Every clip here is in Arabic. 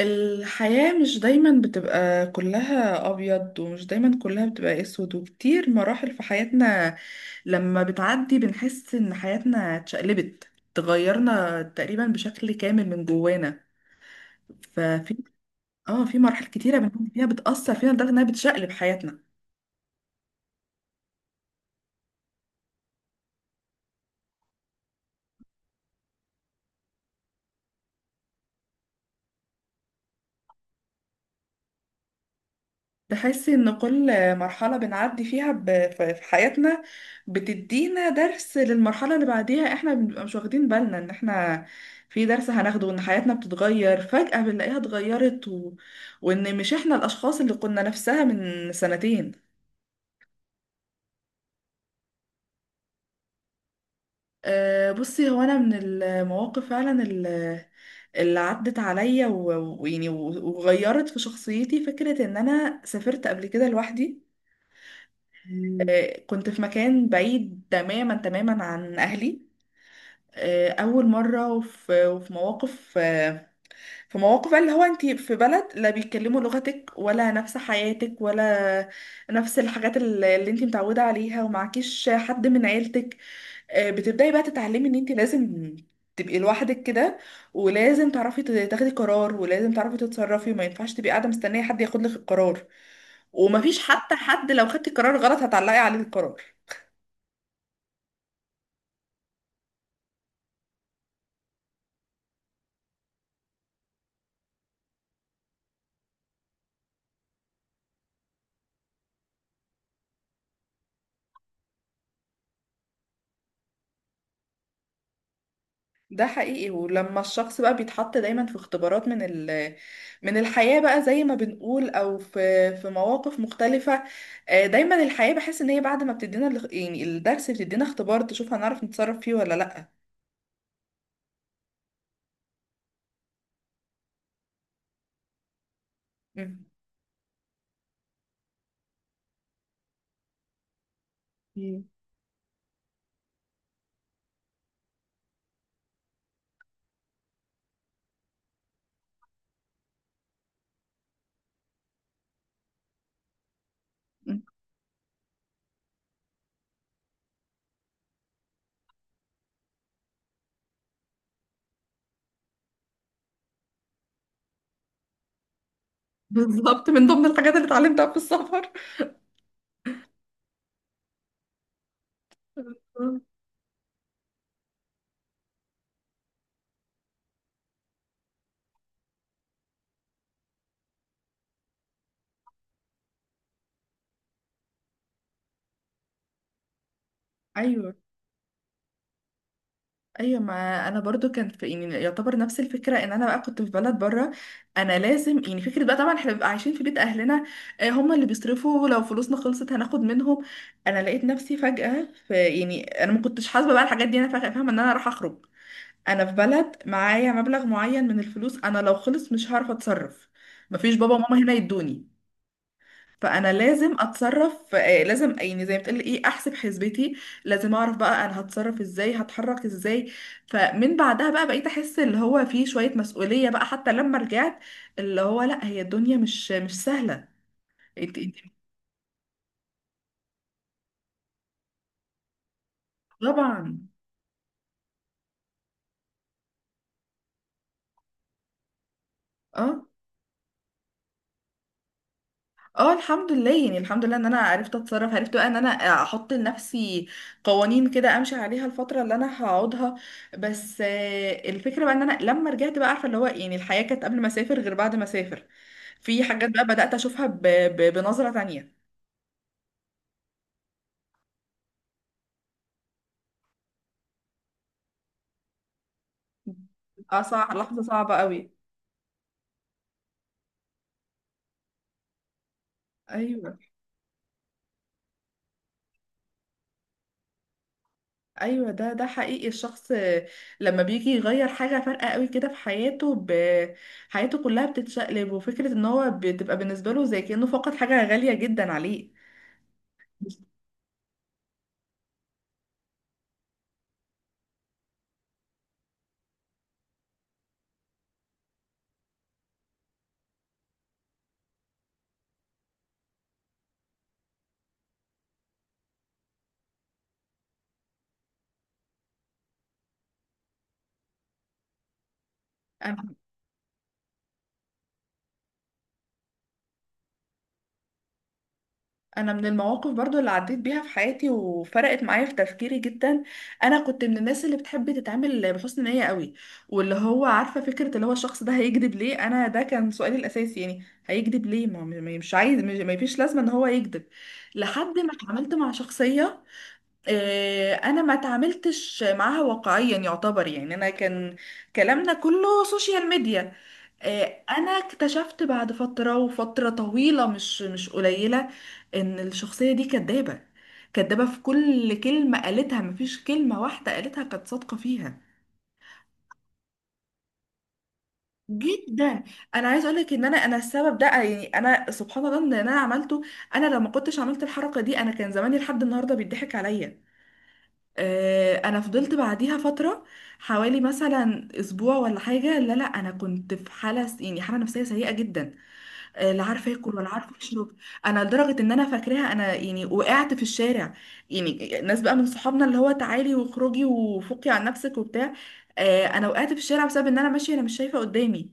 الحياة مش دايما بتبقى كلها أبيض، ومش دايما كلها بتبقى أسود. وكتير مراحل في حياتنا لما بتعدي بنحس إن حياتنا اتشقلبت، تغيرنا تقريبا بشكل كامل من جوانا. ففي اه في مراحل كتيرة بنكون فيها بتأثر فينا لدرجة إنها بتشقلب حياتنا. تحسي ان كل مرحلة بنعدي فيها في حياتنا بتدينا درس للمرحلة اللي بعديها. احنا بنبقى مش واخدين بالنا ان احنا في درس هناخده، وان حياتنا بتتغير فجأة بنلاقيها اتغيرت. وان مش احنا الاشخاص اللي كنا نفسها من سنتين. أه، بصي. هو انا من المواقف فعلا اللي عدت عليا ويعني وغيرت في شخصيتي فكرة ان انا سافرت قبل كده لوحدي. مم. كنت في مكان بعيد تماما تماما عن اهلي. اول مره، وفي مواقف، في مواقف بقى اللي هو انت في بلد لا بيتكلموا لغتك ولا نفس حياتك، ولا نفس الحاجات اللي انت متعوده عليها ومعكيش حد من عيلتك. بتبداي بقى تتعلمي ان انت لازم تبقي لوحدك كده، ولازم تعرفي تاخدي قرار، ولازم تعرفي تتصرفي، وما ينفعش تبقي قاعده مستنيه حد ياخد لك القرار، ومفيش حتى حد لو خدتي قرار غلط هتعلقي عليه القرار. ده حقيقي. ولما الشخص بقى بيتحط دايما في اختبارات من الحياة بقى زي ما بنقول، او في مواقف مختلفة. دايما الحياة بحس ان هي بعد ما بتدينا يعني الدرس، بتدينا اختبار تشوف هنعرف نتصرف فيه ولا لأ؟ مم. مم. بالظبط، من ضمن الحاجات اللي اتعلمتها في السفر. ايوه، ايوه. ما انا برضو كان في، يعني يعتبر، نفس الفكره ان انا بقى كنت في بلد بره. انا لازم، يعني فكره بقى، طبعا احنا بنبقى عايشين في بيت اهلنا. هم اللي بيصرفوا، لو فلوسنا خلصت هناخد منهم. انا لقيت نفسي فجاه في، يعني انا ما كنتش حاسبه بقى الحاجات دي، انا فجاه فاهمه ان انا راح اخرج. انا في بلد، معايا مبلغ معين من الفلوس، انا لو خلص مش هعرف اتصرف. مفيش بابا وماما هنا يدوني. فانا لازم اتصرف، لازم يعني زي ما بتقول ايه احسب حسبتي. لازم اعرف بقى انا هتصرف ازاي، هتحرك ازاي. فمن بعدها بقى بقيت احس اللي هو في شوية مسؤولية بقى، حتى لما رجعت اللي هو لا، هي الدنيا مش سهلة. انت. طبعا. اه، اه. الحمد لله، يعني الحمد لله ان انا عرفت اتصرف، عرفت بقى ان انا احط لنفسي قوانين كده امشي عليها الفتره اللي انا هقعدها. بس الفكره بقى ان انا لما رجعت بقى عارفه اللي هو يعني الحياه كانت قبل ما اسافر غير بعد ما اسافر. في حاجات بقى بدات اشوفها بنظره تانية. اه، صح. لحظه صعبه قوي. ايوه، ايوه. ده حقيقي. الشخص لما بيجي يغير حاجه فارقه قوي كده في حياته، حياته كلها بتتشقلب، وفكره ان هو بتبقى بالنسبه له زي كانه فقد حاجه غاليه جدا عليه. انا أنا من المواقف برضو اللي عديت بيها في حياتي وفرقت معايا في تفكيري جدا. انا كنت من الناس اللي بتحب تتعامل بحسن نية قوي. واللي هو عارفة فكرة اللي هو الشخص ده هيكذب ليه؟ انا ده كان سؤالي الاساسي، يعني هيكذب ليه؟ مش عايز ما فيش لازمة ان هو يكذب. لحد ما اتعاملت مع شخصية. انا ما تعاملتش معاها واقعيا يعتبر، يعني انا كان كلامنا كله سوشيال ميديا. انا اكتشفت بعد فترة، وفترة طويلة، مش قليلة، ان الشخصية دي كدابة. كدابة في كل كلمة قالتها، مفيش كلمة واحدة قالتها كانت صادقة فيها. جدا. انا عايز اقولك ان انا السبب ده، يعني انا سبحان الله ان انا عملته. انا لو ما كنتش عملت الحركة دي، انا كان زماني لحد النهاردة بيضحك عليا. انا فضلت بعديها فتره حوالي مثلا اسبوع ولا حاجه. لا لا، انا كنت في حاله يعني حاله نفسيه سيئه جدا. لا عارفه اكل ولا عارفه اشرب. انا لدرجه ان انا فاكراها، انا يعني وقعت في الشارع. يعني ناس بقى من صحابنا اللي هو تعالي واخرجي وفوقي عن نفسك وبتاع. انا وقعت في الشارع بسبب ان انا ماشيه انا مش شايفه قدامي.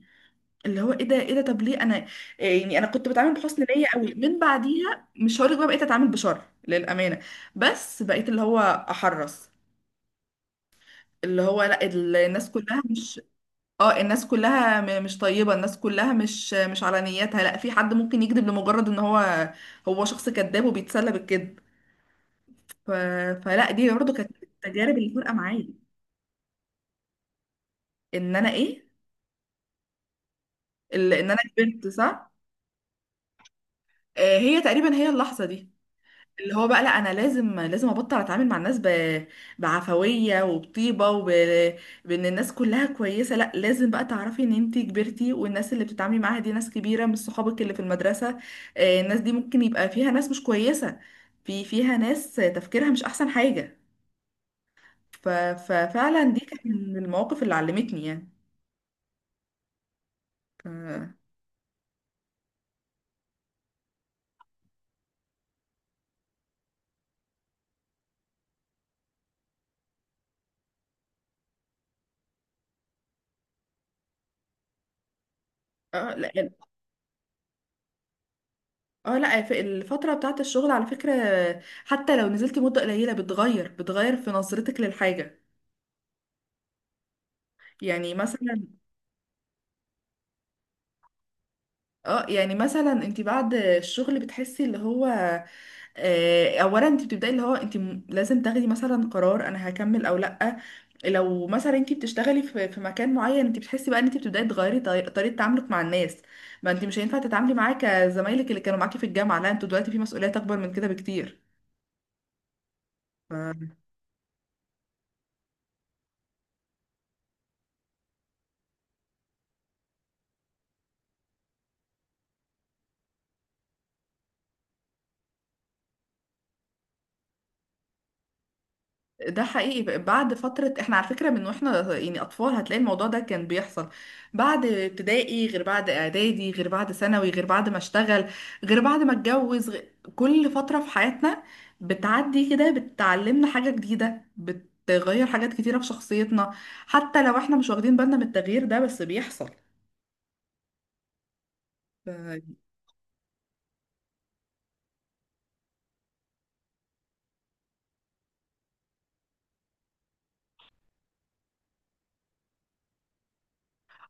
اللي هو ايه ده، ايه ده، طب ليه انا؟ يعني انا كنت بتعامل بحسن نيه قوي، من بعديها مش هقولك بقى بقيت اتعامل بشر للامانه. بس بقيت اللي هو احرص. اللي هو لا، الناس كلها مش، اه الناس كلها مش طيبة، الناس كلها مش على نيتها. لا، في حد ممكن يكذب لمجرد ان هو شخص كذاب وبيتسلى بالكذب. ف... فلا، دي برضه كانت التجارب اللي فارقة معايا. ان انا ايه؟ ان انا كبرت، صح. هي تقريبا هي اللحظة دي. اللي هو بقى، لا انا لازم لازم ابطل اتعامل مع الناس بعفويه وبطيبه بان الناس كلها كويسه. لا، لازم بقى تعرفي ان انتي كبرتي، والناس اللي بتتعاملي معاها دي ناس كبيره مش صحابك اللي في المدرسه. الناس دي ممكن يبقى فيها ناس مش كويسه، فيها ناس تفكيرها مش احسن حاجه. ففعلا دي كانت من المواقف اللي علمتني يعني. ف- اه لا، اه لا. في الفترة بتاعت الشغل على فكرة، حتى لو نزلتي مدة قليلة بتغير في نظرتك للحاجة. يعني مثلا، انت بعد الشغل بتحسي اللي هو اولا انت بتبداي اللي هو انت لازم تاخدي مثلا قرار انا هكمل او لا. لو مثلا انت بتشتغلي في مكان معين، انت بتحسي بقى ان انت بتبداي تغيري طريقه تعاملك مع الناس. ما انت مش هينفع تتعاملي معاك زمايلك اللي كانوا معاكي في الجامعه. لا، انتوا دلوقتي في مسؤوليات اكبر من كده بكتير. ده حقيقي. بعد فترة، احنا على فكرة من واحنا يعني أطفال، هتلاقي الموضوع ده كان بيحصل. بعد ابتدائي غير، بعد إعدادي غير، بعد ثانوي غير، بعد ما اشتغل غير، بعد ما اتجوز كل فترة في حياتنا بتعدي كده بتعلمنا حاجة جديدة، بتغير حاجات كتيرة في شخصيتنا. حتى لو احنا مش واخدين بالنا من التغيير ده، بس بيحصل.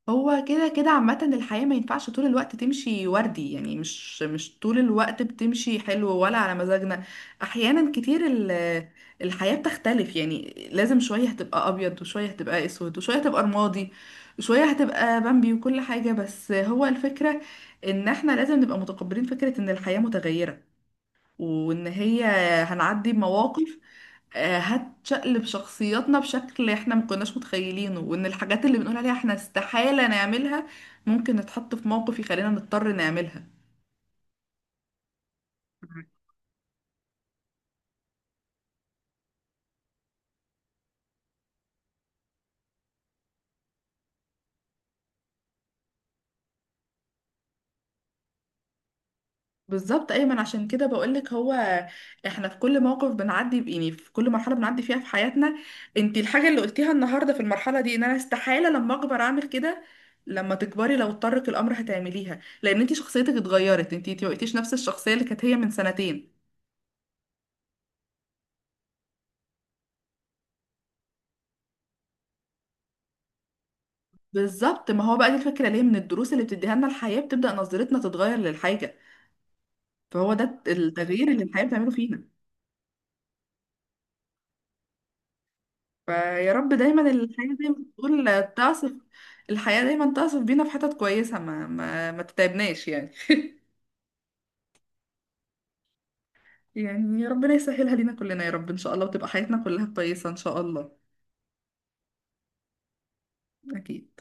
هو كده كده عامة الحياة ما ينفعش طول الوقت تمشي وردي، يعني مش طول الوقت بتمشي حلو ولا على مزاجنا. أحيانا كتير الحياة بتختلف. يعني لازم، شوية هتبقى أبيض، وشوية هتبقى أسود، وشوية هتبقى رمادي، وشوية هتبقى بامبي وكل حاجة. بس هو الفكرة إن احنا لازم نبقى متقبلين فكرة إن الحياة متغيرة، وإن هي هنعدي بمواقف هتشقلب شخصياتنا بشكل احنا ما كناش متخيلينه، وان الحاجات اللي بنقول عليها احنا استحالة نعملها، ممكن نتحط في موقف يخلينا نضطر نعملها. بالظبط ايمن، عشان كده بقولك هو احنا في كل موقف بنعدي يعني في كل مرحله بنعدي فيها في حياتنا. انت الحاجه اللي قلتيها النهارده في المرحله دي ان انا استحاله لما اكبر اعمل كده، لما تكبري لو اضطرك الامر هتعمليها، لان انت شخصيتك اتغيرت، انت ما بقيتيش نفس الشخصيه اللي كانت هي من سنتين. بالظبط، ما هو بقى دي الفكرة، ليه من الدروس اللي بتديها لنا الحياة بتبدأ نظرتنا تتغير للحاجة. فهو ده التغيير اللي الحياة بتعمله فينا. فيا رب دايما الحياة زي ما بتقول تعصف، الحياة دايما تعصف بينا في حتت كويسة، ما تتعبناش يعني. يعني يا ربنا يسهلها لينا كلنا يا رب، إن شاء الله، وتبقى حياتنا كلها كويسة إن شاء الله. أكيد.